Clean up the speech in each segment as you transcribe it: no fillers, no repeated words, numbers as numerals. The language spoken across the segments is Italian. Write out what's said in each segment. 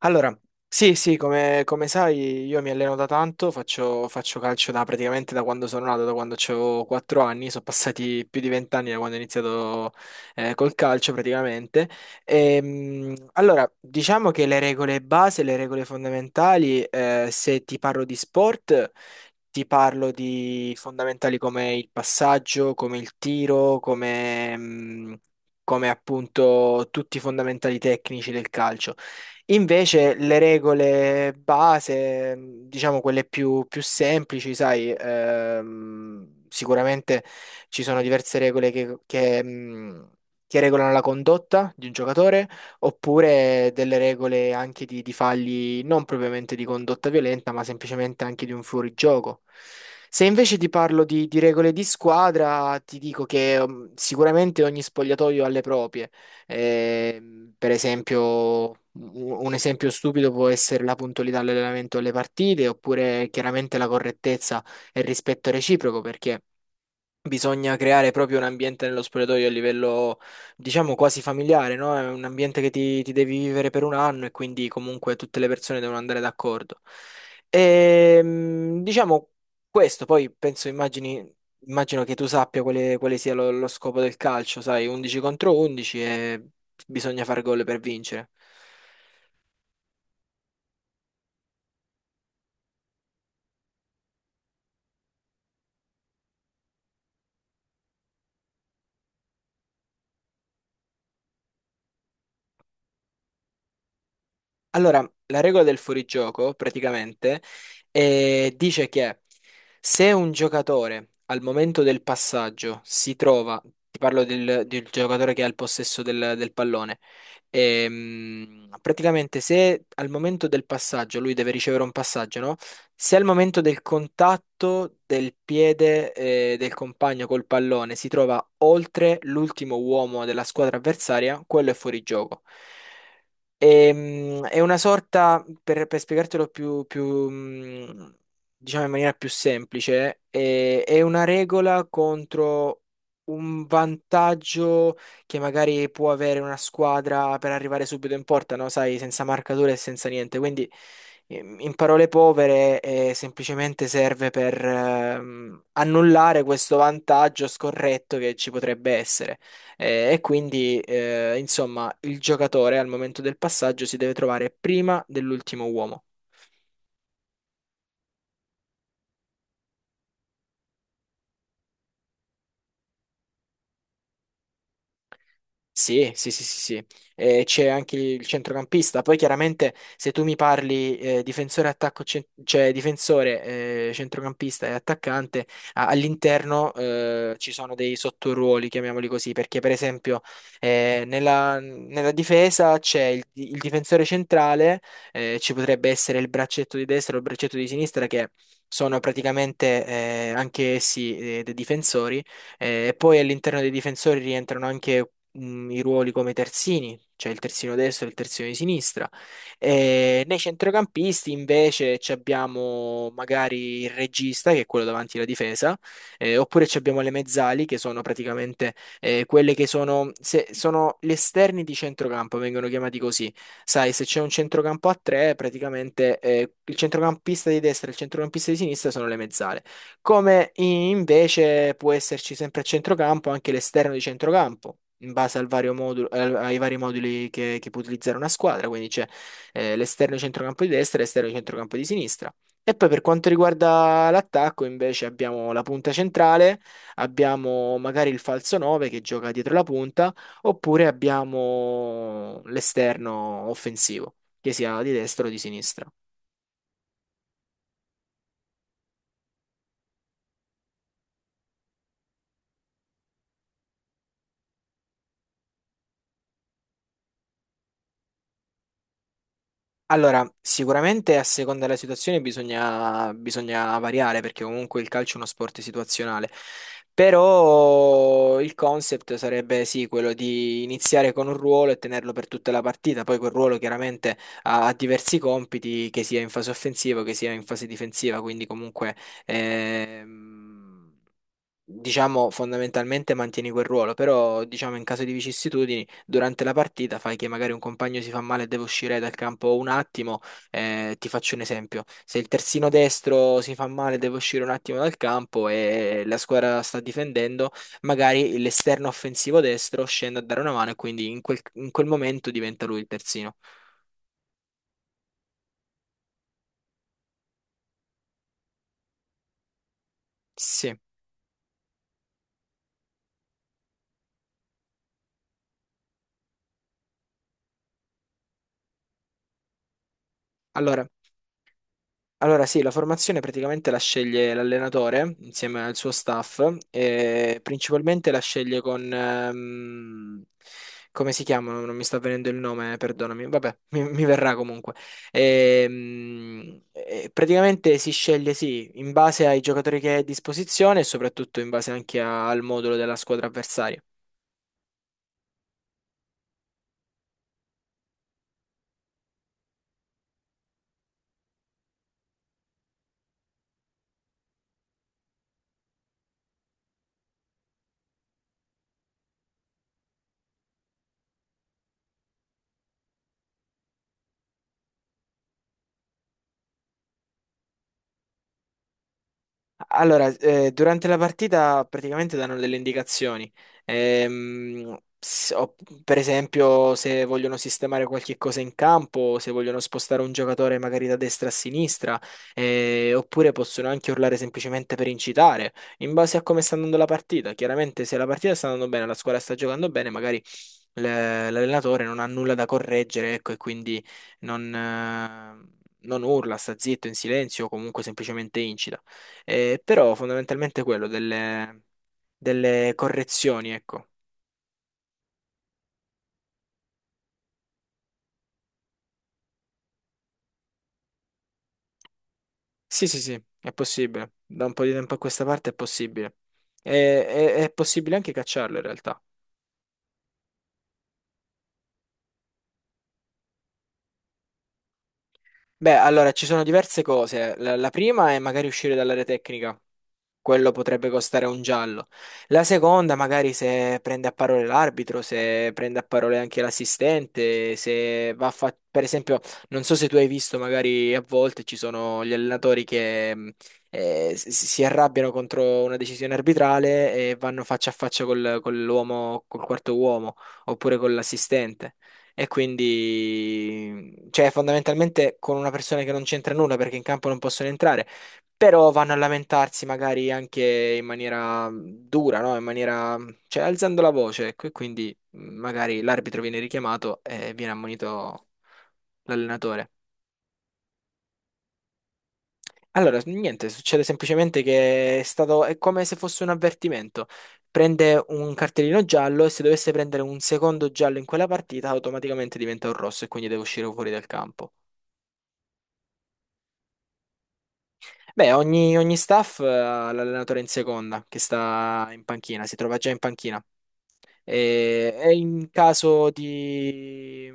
Allora, sì, sì, come, come sai, io mi alleno da tanto, faccio calcio da, praticamente da quando sono nato, da quando avevo 4 anni, sono passati più di 20 anni da quando ho iniziato col calcio praticamente. Allora, diciamo che le regole base, le regole fondamentali, se ti parlo di sport, ti parlo di fondamentali come il passaggio, come il tiro, come come appunto tutti i fondamentali tecnici del calcio. Invece le regole base, diciamo quelle più semplici, sai, sicuramente ci sono diverse regole che che regolano la condotta di un giocatore, oppure delle regole anche di fagli non propriamente di condotta violenta, ma semplicemente anche di un fuorigioco. Se invece ti parlo di regole di squadra, ti dico che, sicuramente ogni spogliatoio ha le proprie. Eh, per esempio, un esempio stupido può essere la puntualità all'allenamento alle partite, oppure chiaramente la correttezza e il rispetto reciproco, perché bisogna creare proprio un ambiente nello spogliatoio a livello, diciamo, quasi familiare, no? È un ambiente che ti devi vivere per un anno e quindi comunque tutte le persone devono andare d'accordo. Diciamo questo, poi penso, immagino che tu sappia quale sia lo, lo scopo del calcio, sai, 11 contro 11 e bisogna fare gol per vincere. Allora, la regola del fuorigioco praticamente dice che se un giocatore al momento del passaggio si trova, ti parlo del giocatore che ha il possesso del pallone, praticamente se al momento del passaggio lui deve ricevere un passaggio, no? Se al momento del contatto del piede del compagno col pallone si trova oltre l'ultimo uomo della squadra avversaria, quello è fuorigioco. È una sorta, per spiegartelo più diciamo in maniera più semplice, è una regola contro un vantaggio che magari può avere una squadra per arrivare subito in porta, no? Sai, senza marcature e senza niente. Quindi, in parole povere, semplicemente serve per annullare questo vantaggio scorretto che ci potrebbe essere. E quindi, insomma, il giocatore al momento del passaggio si deve trovare prima dell'ultimo uomo. Sì, sì, sì, sì, sì. E c'è anche il centrocampista. Poi chiaramente se tu mi parli difensore, attacco, cioè difensore, centrocampista e attaccante, all'interno ci sono dei sottoruoli, chiamiamoli così, perché per esempio nella nella difesa c'è il difensore centrale, ci potrebbe essere il braccetto di destra o il braccetto di sinistra che sono praticamente anche essi dei difensori. E poi all'interno dei difensori rientrano anche i ruoli come terzini, cioè il terzino destro e il terzino di sinistra. E nei centrocampisti invece ci abbiamo magari il regista, che è quello davanti alla difesa, oppure ci abbiamo le mezzali, che sono praticamente quelle che sono, sono gli esterni di centrocampo, vengono chiamati così. Sai, se c'è un centrocampo a tre, praticamente il centrocampista di destra e il centrocampista di sinistra sono le mezzali come invece può esserci sempre a centrocampo anche l'esterno di centrocampo. In base al ai vari moduli che può utilizzare una squadra, quindi c'è l'esterno di centrocampo di destra e l'esterno di centrocampo di sinistra. E poi per quanto riguarda l'attacco, invece abbiamo la punta centrale, abbiamo magari il falso 9 che gioca dietro la punta, oppure abbiamo l'esterno offensivo, che sia di destra o di sinistra. Allora, sicuramente a seconda della situazione bisogna variare perché comunque il calcio è uno sport situazionale, però il concept sarebbe sì, quello di iniziare con un ruolo e tenerlo per tutta la partita, poi quel ruolo chiaramente ha diversi compiti, che sia in fase offensiva, che sia in fase difensiva, quindi comunque... ehm, diciamo, fondamentalmente mantieni quel ruolo, però, diciamo, in caso di vicissitudini, durante la partita fai che magari un compagno si fa male e deve uscire dal campo un attimo. Eh, ti faccio un esempio: se il terzino destro si fa male e deve uscire un attimo dal campo e la squadra sta difendendo, magari l'esterno offensivo destro scende a dare una mano e quindi in quel momento diventa lui il terzino. Sì. Allora. Allora sì, la formazione praticamente la sceglie l'allenatore insieme al suo staff e principalmente la sceglie con... come si chiamano? Non mi sta venendo il nome, perdonami. Vabbè, mi verrà comunque. E praticamente si sceglie sì, in base ai giocatori che hai a disposizione e soprattutto in base anche al modulo della squadra avversaria. Allora, durante la partita praticamente danno delle indicazioni. Ehm, s- o- per esempio, se vogliono sistemare qualche cosa in campo, se vogliono spostare un giocatore magari da destra a sinistra, oppure possono anche urlare semplicemente per incitare, in base a come sta andando la partita. Chiaramente, se la partita sta andando bene, la squadra sta giocando bene, magari l'allenatore non ha nulla da correggere, ecco, e quindi non urla, sta zitto in silenzio o comunque semplicemente incita. Però fondamentalmente quello delle correzioni, ecco. Sì, sì, sì, è possibile. Da un po' di tempo a questa parte è possibile. E- è possibile anche cacciarlo in realtà. Beh, allora ci sono diverse cose. La prima è magari uscire dall'area tecnica. Quello potrebbe costare un giallo. La seconda, magari se prende a parole l'arbitro, se prende a parole anche l'assistente, se va a per esempio, non so se tu hai visto, magari a volte ci sono gli allenatori che si arrabbiano contro una decisione arbitrale e vanno faccia a faccia col, con l'uomo, col quarto uomo, oppure con l'assistente. E quindi, cioè, fondamentalmente con una persona che non c'entra nulla perché in campo non possono entrare. Però vanno a lamentarsi magari anche in maniera dura, no? In maniera, cioè alzando la voce, ecco, e quindi magari l'arbitro viene richiamato e viene ammonito l'allenatore. Allora, niente, succede semplicemente che è come se fosse un avvertimento. Prende un cartellino giallo e se dovesse prendere un secondo giallo in quella partita, automaticamente diventa un rosso e quindi deve uscire fuori dal campo. Beh, ogni staff ha l'allenatore in seconda, che sta in panchina, si trova già in panchina. E in caso di,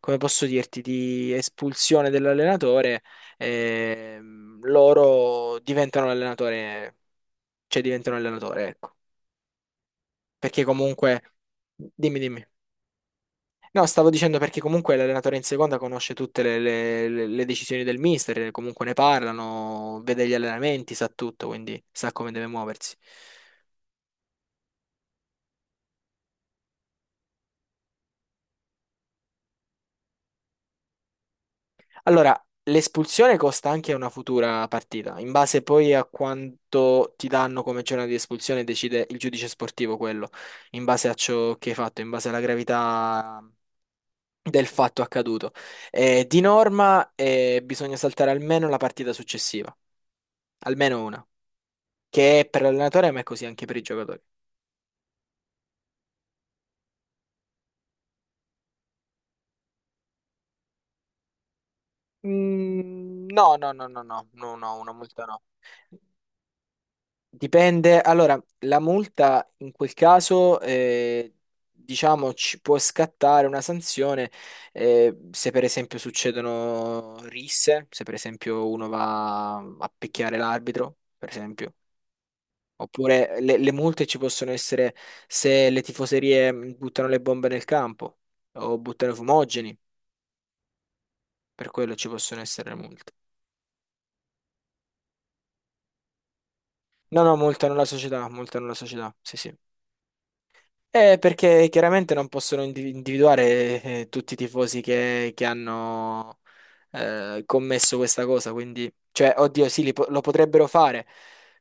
come posso dirti, di espulsione dell'allenatore, loro diventano l'allenatore, cioè diventano l'allenatore, ecco. Perché comunque, dimmi, dimmi. No, stavo dicendo perché comunque l'allenatore in seconda conosce tutte le decisioni del mister, comunque ne parlano, vede gli allenamenti, sa tutto, quindi sa come deve muoversi. Allora, l'espulsione costa anche una futura partita, in base poi a quanto ti danno come giornata di espulsione decide il giudice sportivo quello, in base a ciò che hai fatto, in base alla gravità del fatto accaduto. Di norma bisogna saltare almeno la partita successiva, almeno una, che è per l'allenatore ma è così anche per i giocatori. Mm, no, no, no, no, no, no, no, una multa no. Dipende, allora, la multa in quel caso, diciamo, ci può scattare una sanzione se per esempio succedono risse, se per esempio uno va a picchiare l'arbitro, per esempio. Oppure le multe ci possono essere se le tifoserie buttano le bombe nel campo o buttano i fumogeni, per quello ci possono essere le multe. No, no, multano la società, sì, sì. Perché chiaramente non possono individuare tutti i tifosi che hanno commesso questa cosa, quindi, cioè, oddio, sì, lo potrebbero fare,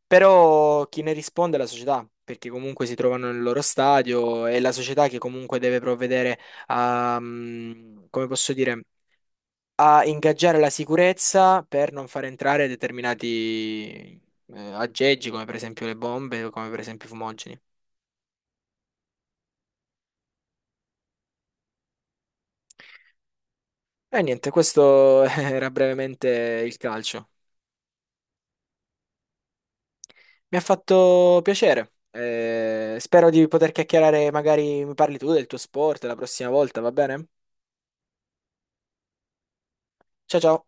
però chi ne risponde è la società, perché comunque si trovano nel loro stadio, è la società che comunque deve provvedere a, come posso dire, a ingaggiare la sicurezza per non far entrare determinati aggeggi, come per esempio le bombe o come per esempio i fumogeni. E niente, questo era brevemente il calcio. Mi ha fatto piacere. Eh, spero di poter chiacchierare, magari mi parli tu del tuo sport la prossima volta, va bene? Ciao ciao.